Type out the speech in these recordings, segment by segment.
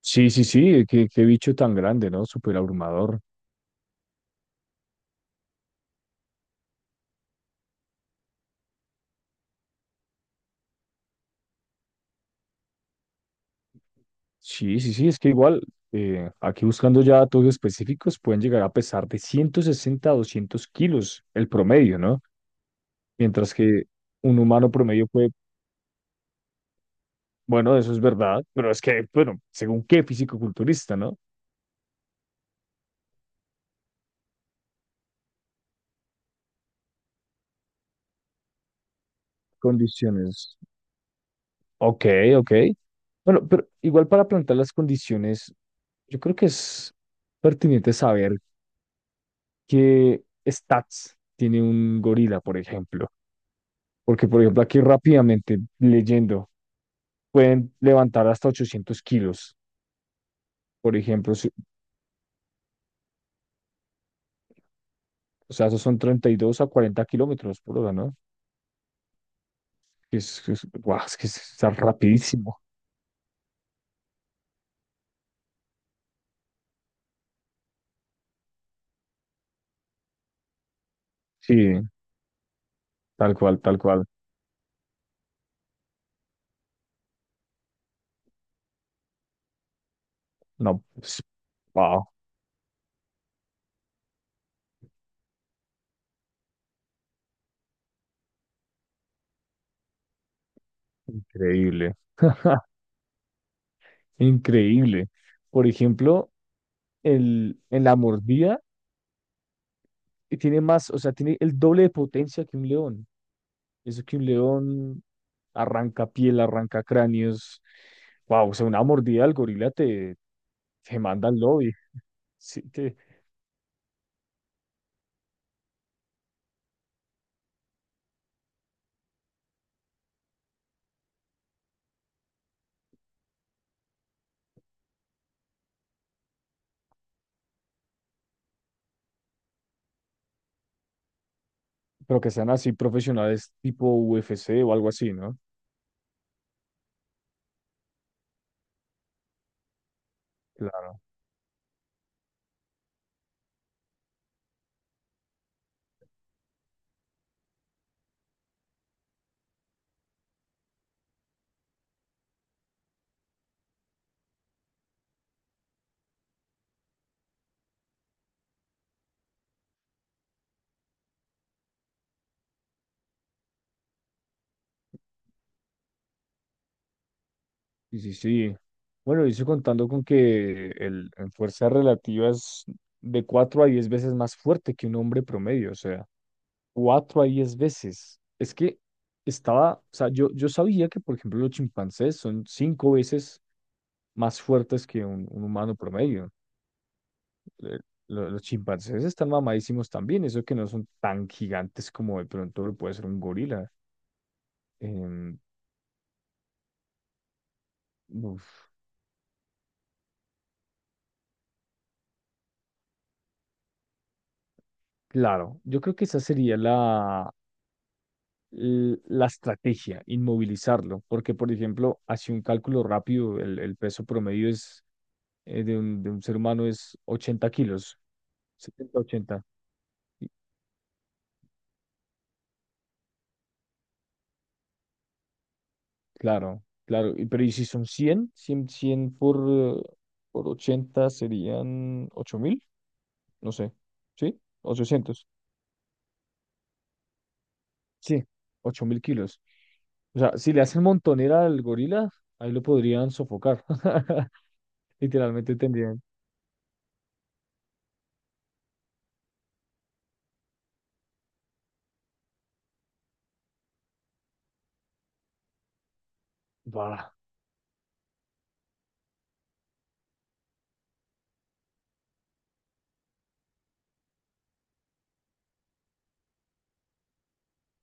Sí, sí, sí, qué bicho tan grande, ¿no? Súper abrumador. Sí, sí, sí, es que igual, aquí buscando ya datos específicos, pueden llegar a pesar de 160 a 200 kilos el promedio, ¿no? Mientras que un humano promedio puede, bueno, eso es verdad, pero es que, bueno, según qué fisicoculturista, ¿no? Condiciones. Ok, ok. Bueno, pero igual para plantear las condiciones, yo creo que es pertinente saber qué stats tiene un gorila, por ejemplo. Porque, por ejemplo, aquí rápidamente leyendo, pueden levantar hasta 800 kilos. Por ejemplo, o sea, esos son 32 a 40 kilómetros por hora, ¿no? Que es, guau, es que está rapidísimo. Sí, tal cual, tal cual. No, pues, wow, increíble, increíble. Por ejemplo, el, en la mordida y tiene más, o sea, tiene el doble de potencia que un león. Eso que un león arranca piel, arranca cráneos. Wow, o sea, una mordida al gorila te, te manda al lobby. Sí, que pero que sean así profesionales tipo UFC o algo así, ¿no? Claro. Sí, sí, sí. Bueno, y eso contando con que el, en fuerza relativa es de 4 a 10 veces más fuerte que un hombre promedio, o sea, 4 a 10 veces. Es que estaba, o sea, yo sabía que, por ejemplo, los chimpancés son 5 veces más fuertes que un humano promedio. Eh, los chimpancés están mamadísimos también, eso que no son tan gigantes como de pronto lo puede ser un gorila. Em, uf, claro, yo creo que esa sería la estrategia, inmovilizarlo, porque por ejemplo, así un cálculo rápido, el peso promedio es, de un ser humano es 80 kilos, 70 80. Claro, claro. Y- pero ¿y si son cien 100 por 80 serían 8000, no sé, ¿sí? Ochocientos. Sí, 8000 kilos. O sea, si le hacen montonera al gorila, ahí lo podrían sofocar. Literalmente tendrían... Bah,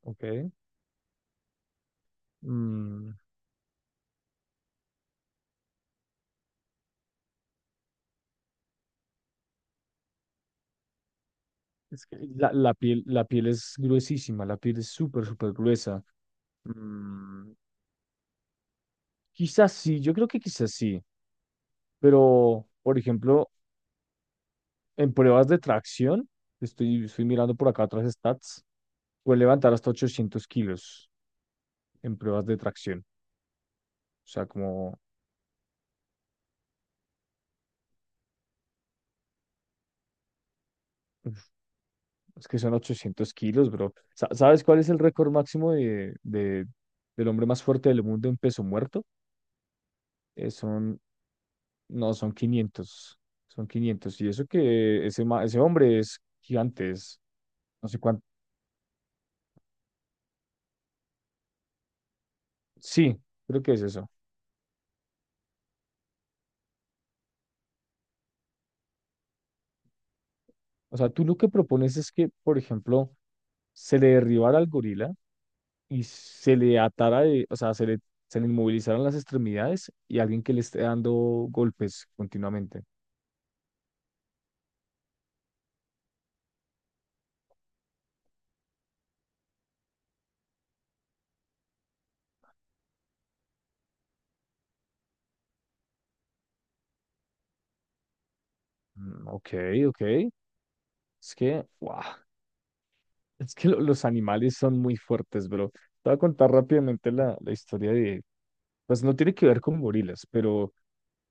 ok. Mm, es que la piel es gruesísima, la piel es súper, súper gruesa. Mm, quizás sí, yo creo que quizás sí. Pero, por ejemplo, en pruebas de tracción, estoy mirando por acá otras stats, puede levantar hasta 800 kilos en pruebas de tracción. O sea, como, uf, es que son 800 kilos, bro. ¿Sabes cuál es el récord máximo de, del hombre más fuerte del mundo en peso muerto? Eh, son, no, son 500. Son 500. Y eso que ese, ese hombre es gigante, es, no sé cuánto. Sí, creo que es eso. O sea, tú lo que propones es que, por ejemplo, se le derribara al gorila y se le atara de, o sea, se le inmovilizaron las extremidades y alguien que le esté dando golpes continuamente. Mm, ok, ok. Es que, wow, es que los animales son muy fuertes, bro. Te voy a contar rápidamente la historia de, pues no tiene que ver con gorilas, pero,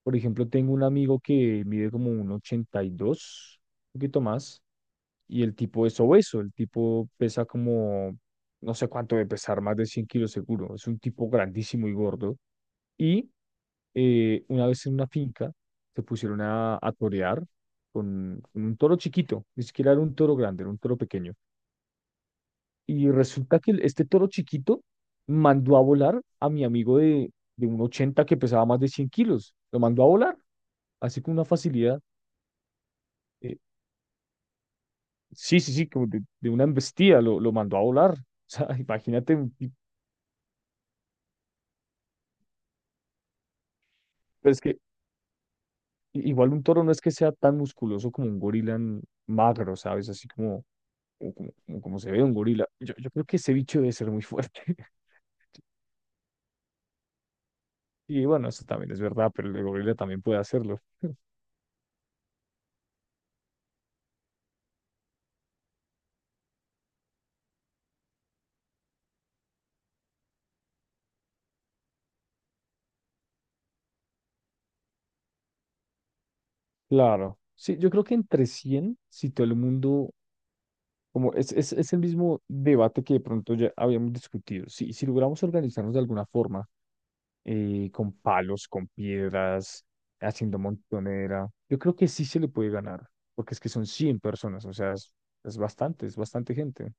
por ejemplo, tengo un amigo que mide como un ochenta y dos, un poquito más, y el tipo es obeso, el tipo pesa como, no sé cuánto de pesar, más de 100 kilos seguro. Es un tipo grandísimo y gordo. Y una vez en una finca se pusieron a torear con un toro chiquito, ni siquiera era un toro grande, era un toro pequeño. Y resulta que este toro chiquito mandó a volar a mi amigo de un 80 que pesaba más de 100 kilos. Lo mandó a volar, así con una facilidad. eh, sí, sí, sí, como de una embestida, lo mandó a volar. O sea, imagínate, un. Pero es que igual un toro no es que sea tan musculoso como un gorila magro, ¿sabes? Así como como, como se ve un gorila. Yo creo que ese bicho debe ser muy fuerte. Y bueno, eso también es verdad, pero el gorila también puede hacerlo. Claro. Sí, yo creo que entre 100 si todo el mundo, como es, es el mismo debate que de pronto ya habíamos discutido. Si, si logramos organizarnos de alguna forma, con palos, con piedras, haciendo montonera, yo creo que sí se le puede ganar, porque es que son 100 personas, o sea, es bastante gente.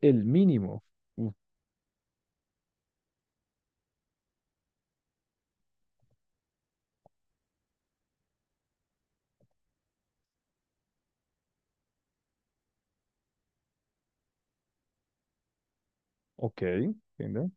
El mínimo. Mm, ok, entiendo.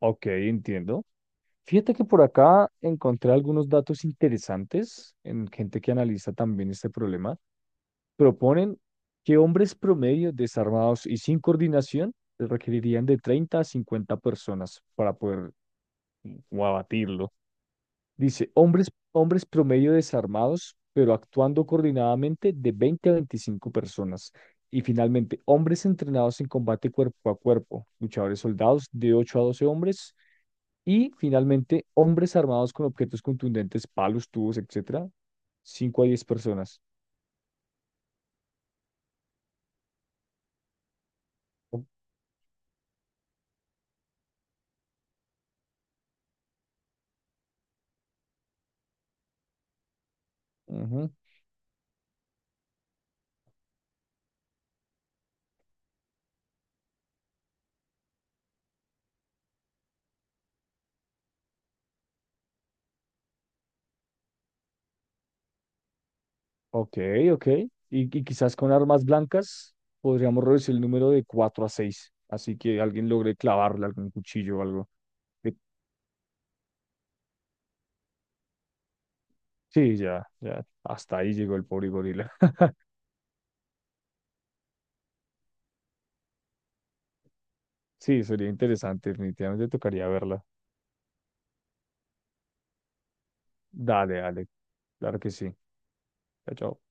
Ok, entiendo. Fíjate que por acá encontré algunos datos interesantes en gente que analiza también este problema. Proponen que hombres promedio desarmados y sin coordinación requerirían de 30 a 50 personas para poder como, abatirlo. Dice, hombres promedio desarmados, pero actuando coordinadamente de 20 a 25 personas. Y finalmente, hombres entrenados en combate cuerpo a cuerpo, luchadores soldados de 8 a 12 hombres. Y finalmente, hombres armados con objetos contundentes, palos, tubos, etcétera, 5 a 10 personas. O- Ujú. Ok, ok. Y quizás con armas blancas podríamos reducir el número de 4 a 6. Así que alguien logre clavarle algún cuchillo o algo. De- sí, ya, ya. Hasta ahí llegó el pobre gorila. Sí, sería interesante. Definitivamente tocaría verla. Dale, dale. Claro que sí. Chao, chao.